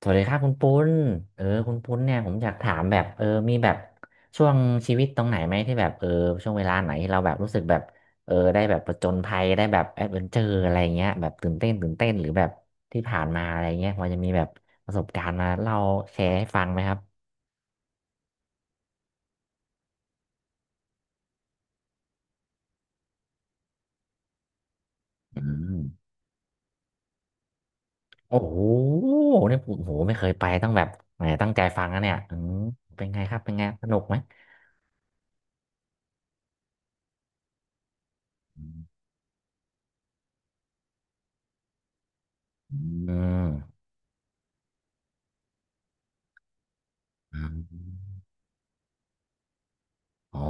สวัสดีครับคุณปุ้นคุณปุ้นเนี่ยผมอยากถามแบบมีแบบช่วงชีวิตตรงไหนไหมที่แบบช่วงเวลาไหนที่เราแบบรู้สึกแบบได้แบบผจญภัยได้แบบแอดเวนเจอร์อะไรเงี้ยแบบตื่นเต้นตื่นเต้นหรือแบบที่ผ่านมาอะไรเงี้ยพอจะมีแบบประสบการณ์มาเล่าแชร์ให้ฟังไหมครับอืมโอ้โหเนี่ยโอ้โหไม่เคยไปต้องแบบแหมตั้งใจฟังนะเนี่ยอืมเป็นไงครับเป็นไงสนุกไหมอืมอืมอ๋อ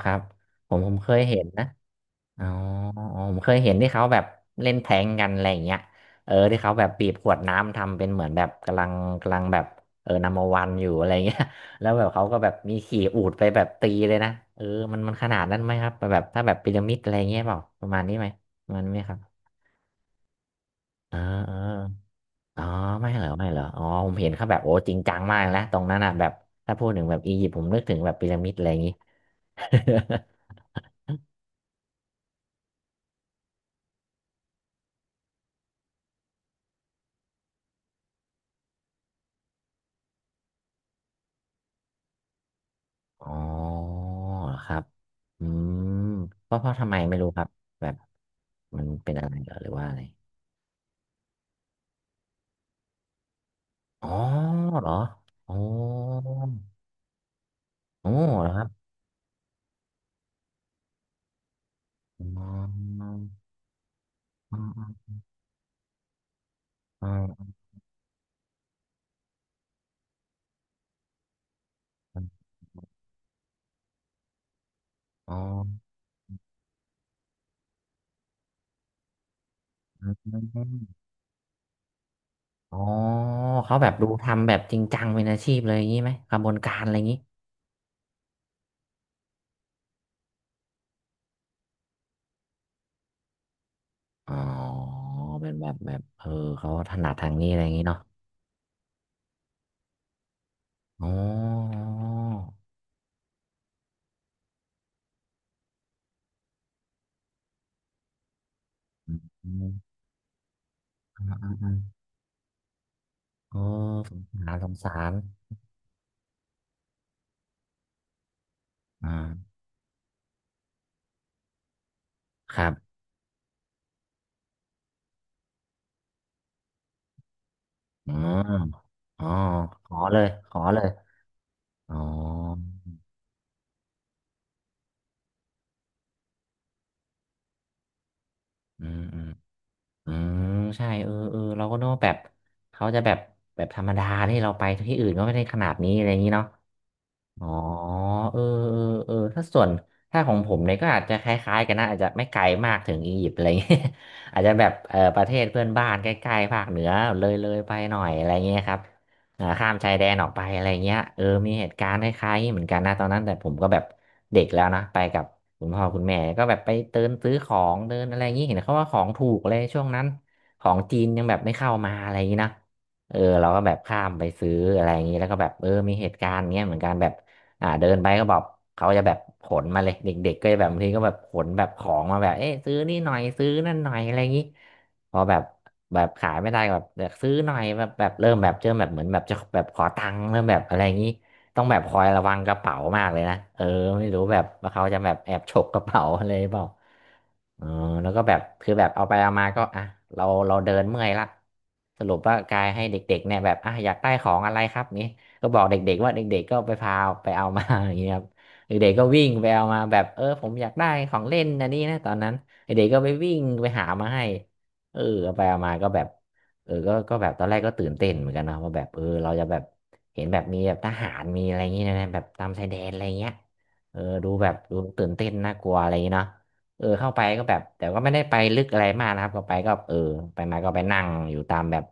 ครับผมเคยเห็นนะ อ๋ออ๋อผมเคยเห็นที่เขาแบบเล่นแทงกันอะไรอย่างเงี้ยที่เขาแบบบีบขวดน้ำทำเป็นเหมือนแบบกำลังแบบนัมเบอร์วันอยู่อะไรเงี้ย แล้วแบบเขาก็แบบมีขี่อูฐไปแบบตีเลยนะเออมันขนาดนั้นไหมครับแบบถ้าแบบพีระมิดอะไรเงี้ยเปล่าประมาณนี้ไหมประมาณนี้ไหมครับเออเอออ๋อไม่เหรอไม่เหรออ๋อผมเห็นเขาแบบโอ้จริงจังมากนะตรงนั้นอ่ะแบบถ้าพูดถึงแบบอียิปต์ผมนึกถึงแบบพีระมิดอะไรอย่างงี้ อ๋อเหรอครับอืมเพราะทำไมไม่รู้ครับแบบมันเป็นอะไรเหรอหรือว่าอะไรอ๋อเหรออ๋อโอ้เหรอครับอ๋ออ๋ออ๋ออ๋ออ๋อเขาแบบดูทำแบบจริงจังเป็นอาชีพเลยอย่างนี้ไหมกระบวนการอะไรอย่างนี้อ๋อเป็นแบบเขาถนัดทางนี้อะไรอย่างนี้เนาะอ๋อ อ๋อสงสารสงสารอ่าครับอืมอ๋อขอเลย ขอเลยอ๋ออืมอืมอืม ใช่เราก็นึกว่าแบบ เขาจะแบบ แบบธรรมดาที่เราไปที่อื่นก็ไม่ได้ขนาดนี้อะไรอย่างนี้เนาะ อ๋อเออเออถ้าส่วนถ้าของผมเนี่ยก็อาจจะคล้ายๆกันนะอาจจะไม่ไกลมากถึงอียิปต์อะไรเงี้ย อาจจะแบบประเทศเพื่อนบ้านใกล้ๆภาคเหนือเลยไปหน่อยอะไรเงี้ยครับอ่าข้ามชายแดนออกไปอะไรเงี้ยมีเหตุการณ์คล้ายๆเหมือนกันนะตอนนั้นแต่ผมก็แบบเด็กแล้วนะไปกับคุณพ่อคุณแม่ก็แบบไปเดินซื้อของเดินอะไรเงงี้ยเห็นเขาว่าของถูกเลยช่วงนั้นของจีนยังแบบไม่เข้ามาอะไรอย่างงี้นะเออเราก็แบบข้ามไปซื้ออะไรอย่างนี้แล้วก็แบบมีเหตุการณ์เงี้ยเหมือนกันแบบ อ่าเดินไปก็บอกเขาจะแบบขนมาเลยเด็กๆก็จะแบบบางทีก็แบบขนแบบของมาแบบเอ๊ะซื้อนี่หน่อยซื้อนั่นหน่อยอะไรอย่างนี้พอแบบแบบขายไม่ได้ก็แบบอยากซื้อหน่อยแบบเริ่มแบบเหมือนแบบจะแบบขอตังค์เริ่มแบบอะไรอย่างนี้ต้องแบบคอยระวังกระเป๋ามากเลยนะเออไม่รู้แบบว่าเขาจะแบบแอบฉกกระเป๋าอะไรหรือเปล่าเออแล้วก็แบบคือแบบเอาไปเอามาก็อ่ะเราเดินเมื่อยละสรุปว่ากายให้เด็กๆเนี่ยแบบอ่ะอยากได้ของอะไรครับนี่ ก็บอกเด็กๆว่าเด็กๆก็ไปพาไปเอามา อย่างเงี้ยครับเด็กๆก็วิ่งไปเอามาแบบผมอยากได้ของเล่นอันนี้นะตอนนั้นเด็กๆก็ไปวิ่งไปหามาให้เออเอาไปเอามาก็แบบก็แบบตอนแรกก็ตื่นเต้นเหมือนกันนะว่าแบบเราจะแบบเห็นแบบมีแบบทหารมีอะไรอย่างเงี้ยนะแบบตามชายแดนอะไรเงี้ยดูแบบดูตื่นเต้นน่ากลัวอะไรอย่างเงี้ยเนาะ เข้าไปก็แบบแต่ก็ไม่ได้ไปลึกอะไรมากนะครับก็ไปก็ไปมาก็ไปนั่งอยู่ตามแบบ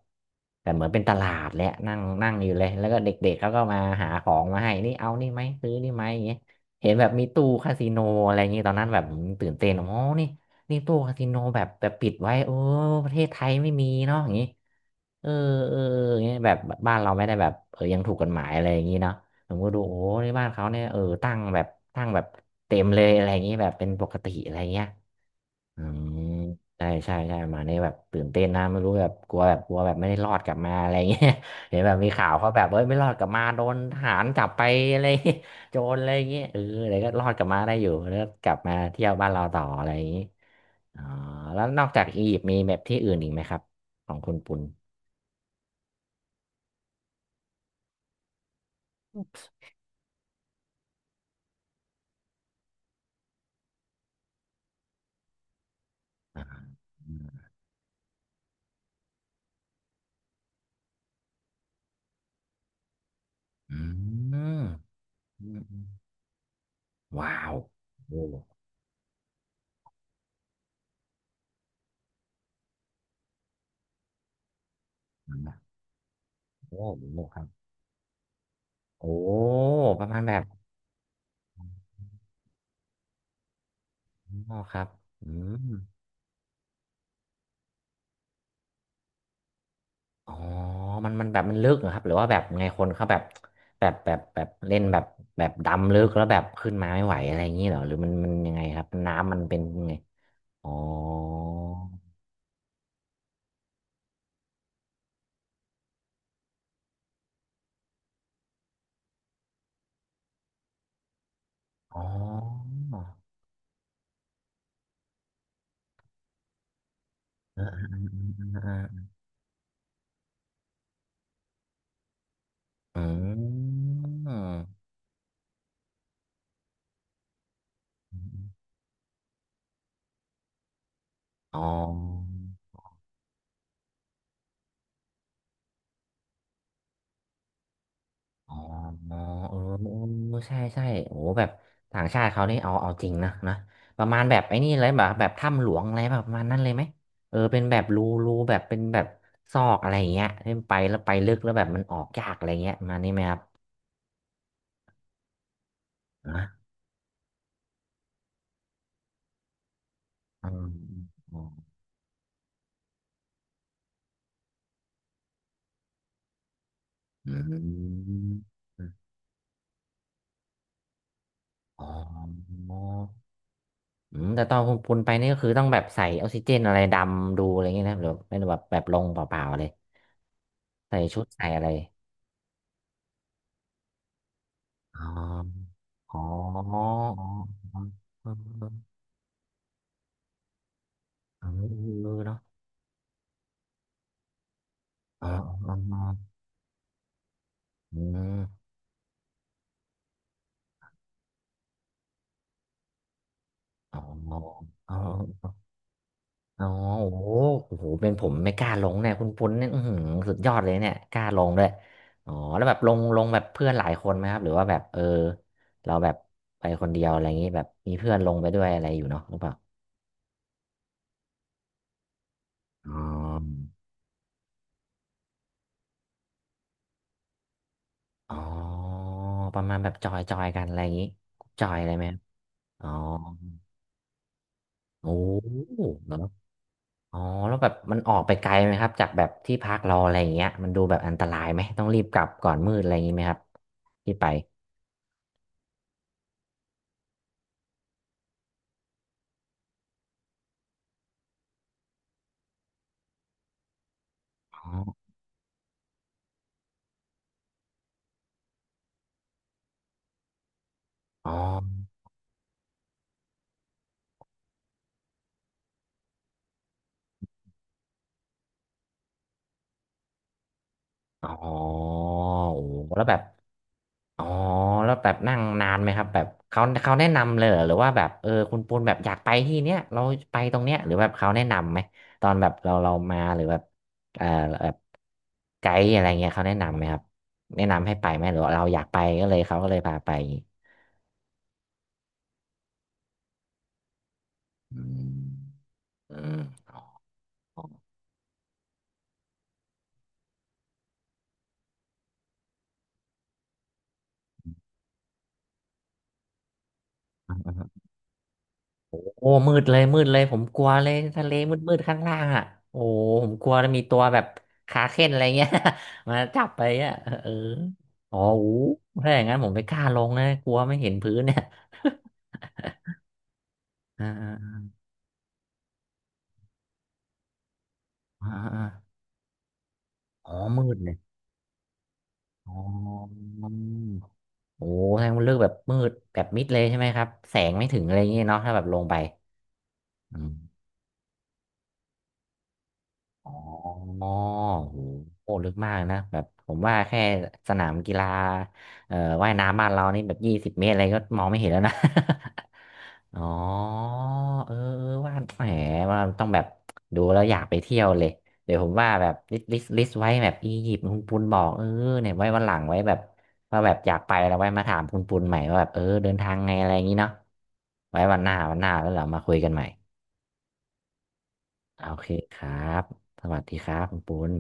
แต่เหมือนเป็นตลาดแหละนั่งนั่งอยู่เลยแล้วก็เด็กๆเขาก็มาหาของมาให้นี่เอานี่ไหมซื้อนี่ไหมอย่างเงี้ยเห็นแบบมีตู้คาสิโนอะไรอย่างงี้ตอนนั้นแบบผมตื่นเต้นอ๋อนี่นี่ตู้คาสิโนแบบแบบปิดไว้โอ้ประเทศไทยไม่มีเนาะอย่างงี้เอออย่างเงี้ยแบบบ้านเราไม่ได้แบบยังถูกกฎหมายอะไรอย่างงี้เนาะ ผมก็ดูโอ้ในบ้านเขาเนี่ยตั้งแบบเต็มเลยอะไรอย่างนี้แบบเป็นปกติอะไรเงี้ยอืมใช่ใช่ใช่มาเนี่ยแบบตื่นเต้นนะไม่รู้แบบกลัวแบบไม่ได้รอดกลับมาอะไรเงี้ย เห็นแบบมีข่าวเขาแบบเอ้ยไม่รอดกลับมาโดนทหารจับไปอะไร เงี้ยโจรอะไรเงี้ยเอออะไรก็รอดกลับมาได้อยู่แล้วก็กลับมาเที่ยวบ้านเราต่ออะไรอย่างนี้อ๋อแล้วนอกจากอียิปต์มีแบบที่อื่นอีกไหมครับของคุณปุณอ่าอืมอืมว้าวโอ้ โอ้หมูหมกครับโอ้ประมาณแบบอ๋อครับอืมอ๋อมันแบบมันลึกเหรอครับหรือว่าแบบไงคนเขาแบบแบบเล่นแบบแบบดำลึกแล้วแบบขึ้นมาไม่ไหวอะไรอย่างนี้เหรอหรือมันยังไงครับน้ำมันเป็นยังไงอ๋ออ๋อเออเออเออเออเอออืมอ๋อ อ๋อเออเออใช่ใช่โอ้แบบต่างชาติเขานี่เอาเอาจริงนะนะประมาณแบบไอ้นี่เลยแบบแบบถ้ำหลวงอะไรแบบประมาณนั้นเลยไหมเออเป็นแบบรูรูแบบเป็นแบบซอกอะไรอย่างเงี้ยที่ไปแล้วไปลึกแล้วแบบมันออกยากอะไรเงี้ยประมาณนี้ไหมครับนะอืมอมอืมอ๋ออืมแต่ตอนคุณปุณไปนี่ก็คือต้องแบบใส่ออกซิเจนอะไรดำดูอะไรเงี้ยนะหรือเป็นแบบแบบลงเปล่าๆเลยใส่ชุดใส่อะไร อ๋ออ๋ออ๋ออ๋อเออเออเออเนาะอ๋ออ๋ออืมอ๋ออ๋ออ๋อโอ้โหโอ้โหเป็นผมไม่กล้าลงเนี่ยคุณปุ้นเนี่ยอื้อหือสุดยอดเลยเนี่ยกล้าลงด้วยอ๋อแล้วแบบลงแบบเพื่อนหลายคนไหมครับหรือว่าแบบเออเราแบบไปคนเดียวอะไรอย่างงี้แบบมีเพื่อนลงไปด้วยอะไรอยู่เนาะหรือเปล่าอ๋ออ๋อประมาณแบบจอยจอยกันอะไรอย่างงี้จอยอะไรไหมครับอ๋อโอ้เนอะ อ๋อแล้วแบบมันออกไปไกลไหมครับจากแบบที่พักเราอะไรอย่างเงี้ยมันดูแบบอันตรายไหมต้องรีบกลับก่อนมืดอะไรอย่างงี้ไหมครับที่ไปอ๋ออ๋ออ๋อโอ้แล้วแบบอ๋อแล้วแบบนั่งนานไหมครับแบบเขาแนะนำเลยเหรอหรือว่าแบบเออคุณปูนแบบอยากไปที่เนี้ยเราไปตรงเนี้ยหรือแบบเขาแนะนำไหมตอนแบบเรามาหรือแบบเออแบบไกด์อะไรเงี้ยเขาแนะนำไหมครับแนะนำให้ไปไหมหรือว่าเราอยากไปก็เลยเขาก็เลยพาไปอย่างงี้อืมอืม อ่าอ่าโอ้มืดเลยมืดเลยผมกลัวเลยทะเลมืดมืดข้างล่างอ่ะโอ้ผมกลัวจะ้มีตัวแบบขาเข้นอะไรเงี้ย มาจับไปอ่ะเอออ๋ออู้ถ้าอย่างนั้นผมไม่กล้าลงนะกลัวไม่เห็นพื้นเนี่ย อ่าอ่าอ่าอ่าอ๋อมืดเลยอ๋อโอ้ทางมันเลือกแบบมืดแบบมิดเลยใช่ไหมครับ แสงไม่ถึงอะไรอย่างเงี้ยเนาะถ้าแบบลงไป อ๋อโหโหลึกมากนะแบบผมว่าแค่สนามกีฬาเอ่อว่ายน้ำบ้านเรานี่แบบ20 เมตรอะไรก็มองไม่เห็นแล้วนะ อ๋อเออเออว่าแหมว่าต้องแบบดูแล้วอยากไปเที่ยวเลยเดี๋ยวผมว่าแบบลิสต์ไว้แบบอียิปต์คุณปุณบอกเออเนี่ยไว้วันหลังไว้แบบว่าแบบอยากไปแล้วไว้มาถามคุณปุณใหม่ว่าแบบเออเดินทางไงอะไรอย่างนี้เนาะไว้วันหน้าแล้วเรามาคุยกันใหม่โอเคครับสวัสดีครับคุณปุณ